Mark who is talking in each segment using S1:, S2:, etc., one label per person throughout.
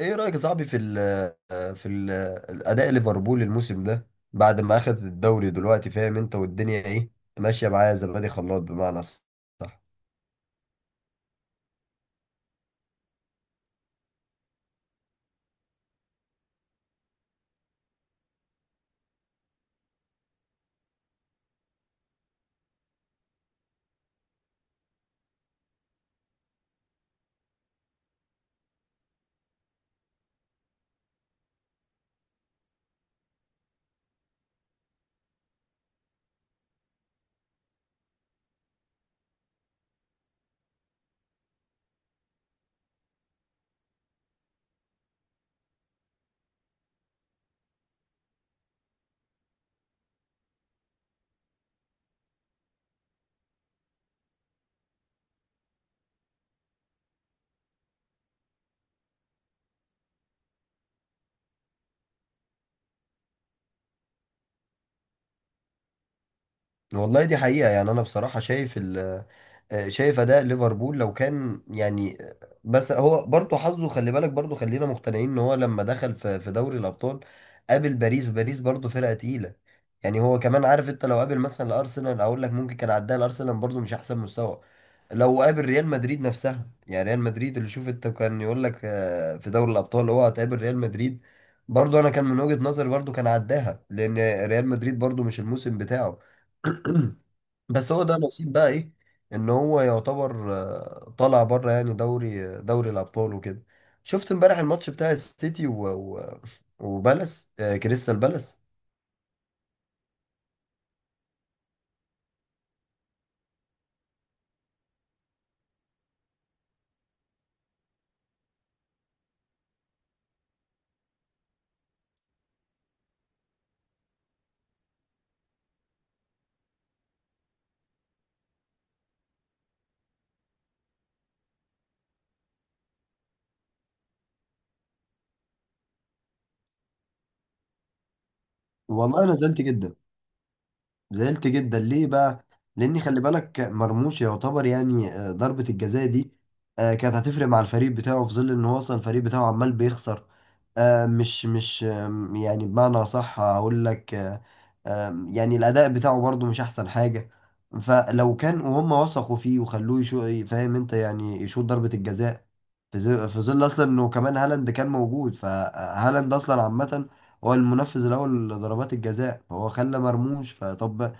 S1: ايه رأيك يا صاحبي في الأداء ليفربول الموسم ده؟ بعد ما أخذ الدوري دلوقتي فاهم انت والدنيا ايه ماشية معاه، زبادي خلاط بمعنى صح. والله دي حقيقة، يعني أنا بصراحة شايف ال آه، شايف أداء ليفربول لو كان يعني، بس هو برضه حظه، خلي بالك برضه، خلينا مقتنعين إن هو لما دخل في دوري الأبطال قابل باريس، برضه فرقة تقيلة. يعني هو كمان عارف، أنت لو قابل مثلا الأرسنال أقول لك ممكن كان عداها، الأرسنال برضه مش أحسن مستوى. لو قابل ريال مدريد نفسها، يعني ريال مدريد اللي شوف أنت، كان يقول لك في دوري الأبطال هو هتقابل ريال مدريد، برضه أنا كان من وجهة نظري برضه كان عداها، لأن ريال مدريد برضه مش الموسم بتاعه. بس هو ده نصيب بقى، ايه؟ ان هو يعتبر طالع بره يعني دوري الابطال وكده. شفت امبارح الماتش بتاع السيتي وبالاس، كريستال بالاس. والله انا زعلت جدا. زعلت جدا ليه بقى؟ لاني خلي بالك مرموش يعتبر يعني، ضربة الجزاء دي كانت هتفرق مع الفريق بتاعه، في ظل ان هو اصلا الفريق بتاعه عمال بيخسر، مش مش آم، يعني بمعنى صح هقول لك، آه، آم، يعني الاداء بتاعه برضو مش احسن حاجة. فلو كان وهم وثقوا فيه وخلوه يشو، فاهم انت، يعني يشوط ضربة الجزاء، في ظل اصلا انه كمان هالاند كان موجود، فهالاند اصلا عامة هو المنفذ الاول لضربات الجزاء، هو خلى مرموش فطب.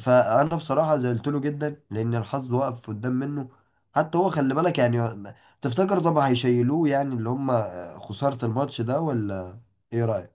S1: فانا بصراحه زعلت له جدا، لان الحظ وقف قدام منه. حتى هو خلي بالك يعني، تفتكر طبعا هيشيلوه؟ يعني اللي هم خساره الماتش ده، ولا ايه رايك؟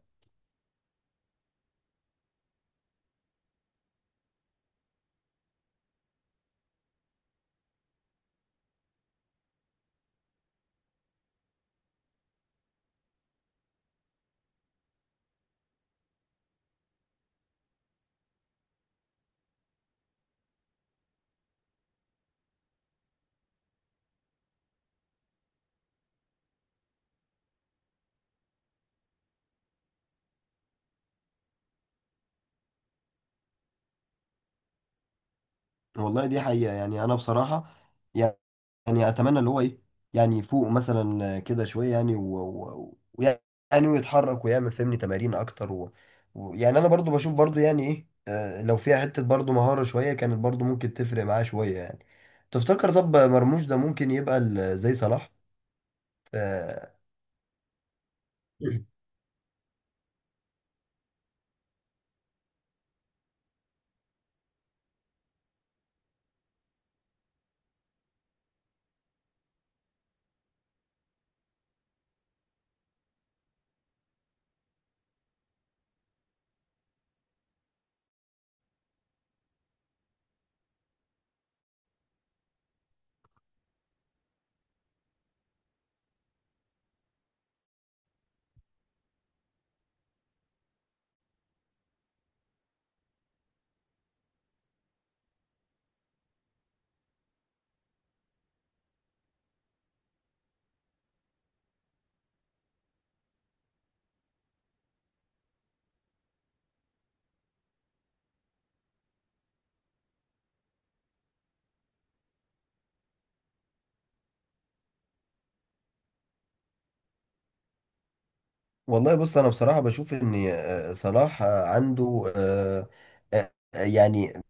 S1: والله دي حقيقه، يعني انا بصراحه يعني، يعني اتمنى اللي هو ايه، يعني يفوق مثلا كده شويه يعني، و- و- ويعني ويتحرك ويعمل فهمني تمارين اكتر يعني انا برضو بشوف برضو يعني ايه، لو فيها حته برضو مهاره شويه كانت برضو ممكن تفرق معاه شويه يعني. تفتكر طب مرموش ده ممكن يبقى زي صلاح؟ آه، والله بص انا بصراحه بشوف ان صلاح عنده، آه، يعني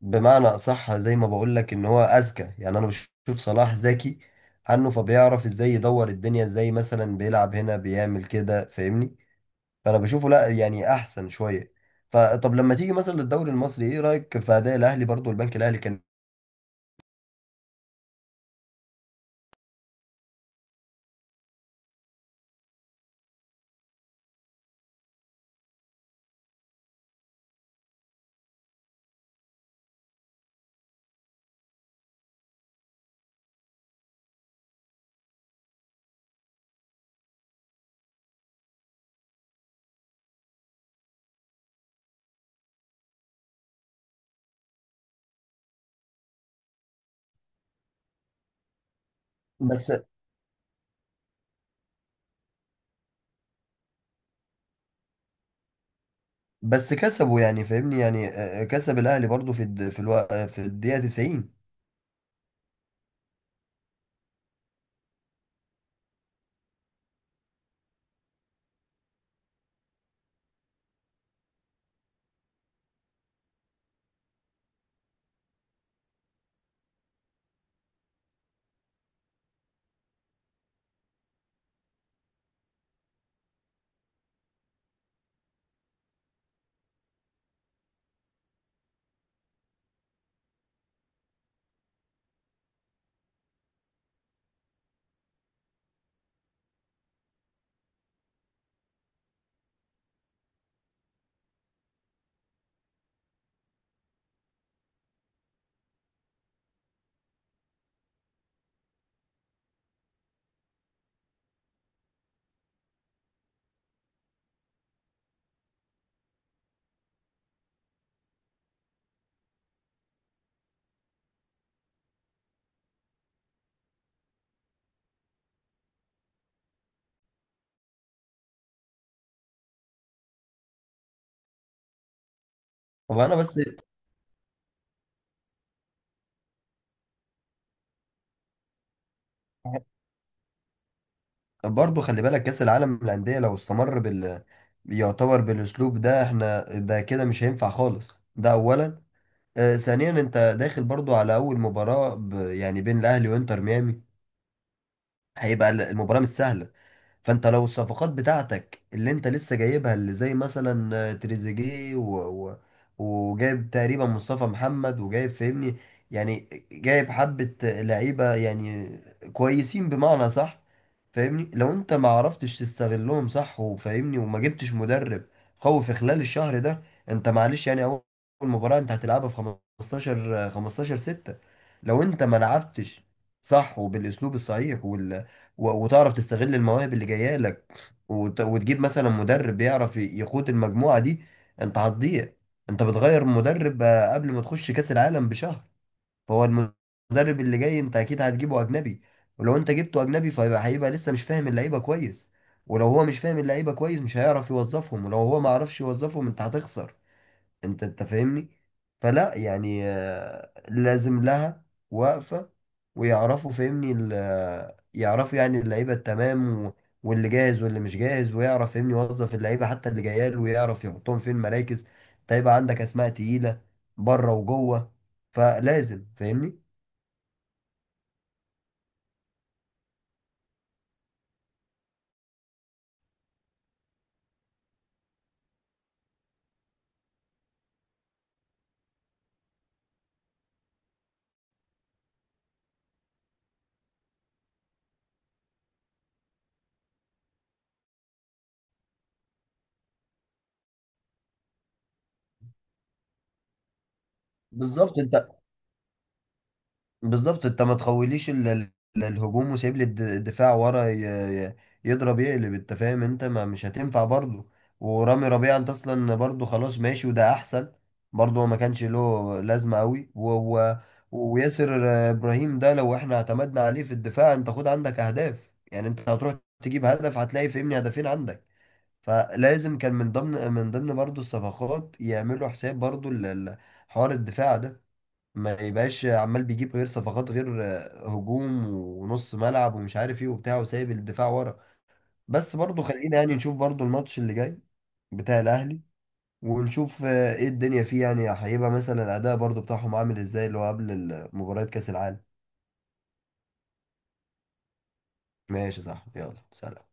S1: بمعنى أصح زي ما بقول لك، إن هو أذكى. يعني أنا بشوف صلاح ذكي عنه، فبيعرف إزاي يدور الدنيا، إزاي مثلا بيلعب هنا بيعمل كده فاهمني. فأنا بشوفه لا يعني أحسن شوية. فطب لما تيجي مثلا للدوري المصري، إيه رأيك في أداء الأهلي؟ برضو البنك الأهلي كان. بس بس كسبوا يعني فاهمني، يعني كسب الأهلي برضو في الد... في الو... آه، في الدقيقة 90. طب أنا بس برضه خلي بالك، كأس العالم للأندية لو استمر بال، يعتبر بالأسلوب ده احنا ده كده مش هينفع خالص. ده أولا. آه ثانيا، أنت داخل برضه على أول يعني بين الأهلي وإنتر ميامي، هيبقى المباراة مش سهلة. فانت لو الصفقات بتاعتك اللي انت لسه جايبها، اللي زي مثلا تريزيجيه و... و... وجايب تقريبا مصطفى محمد، وجايب فاهمني، يعني جايب حبة لعيبة يعني كويسين بمعنى صح، فاهمني لو انت ما عرفتش تستغلهم صح، وفاهمني وما جبتش مدرب قوي في خلال الشهر ده، انت معلش يعني اول مباراة انت هتلعبها في 15 6، لو انت ما لعبتش صح وبالاسلوب الصحيح وال، و- وتعرف تستغل المواهب اللي جايه لك، وت- وتجيب مثلا مدرب يعرف يقود المجموعه دي، انت هتضيع. انت بتغير مدرب قبل ما تخش كاس العالم بشهر. فهو المدرب اللي جاي انت اكيد هتجيبه اجنبي، ولو انت جبته اجنبي فهيبقى، لسه مش فاهم اللعيبه كويس، ولو هو مش فاهم اللعيبه كويس مش هيعرف يوظفهم، ولو هو ما عرفش يوظفهم انت هتخسر انت. فاهمني؟ فلا يعني لازم لها وقفة. ويعرفوا فاهمني يعرفوا يعني اللعيبة التمام واللي جاهز واللي مش جاهز، ويعرف فاهمني يوظف اللعيبة حتى اللي جايه له، ويعرف يحطهم فين مراكز. طيب عندك اسماء تقيلة بره وجوه، فلازم فاهمني. بالظبط انت بالظبط انت ما تخوليش الهجوم وسايب لي الدفاع ورا ي- يضرب يقلب، انت فاهم انت ما مش هتنفع برضه. ورامي ربيعة انت اصلا برضه خلاص ماشي وده احسن، برضه هو ما كانش له لازمة قوي، وياسر ابراهيم ده لو احنا اعتمدنا عليه في الدفاع، انت خد عندك اهداف. يعني انت هتروح تجيب هدف هتلاقي فهمني هدفين عندك. فلازم كان من ضمن، برضه الصفقات يعملوا حساب برضه حوار الدفاع ده، ما يبقاش عمال بيجيب غير صفقات، غير هجوم ونص ملعب ومش عارف ايه وبتاع، وسايب الدفاع ورا. بس برضو خلينا يعني نشوف برضو الماتش اللي جاي بتاع الاهلي، ونشوف ايه الدنيا فيه، يعني هيبقى مثلا الاداء برضو بتاعهم عامل ازاي اللي هو قبل مباراة كاس العالم. ماشي صح، يلا سلام.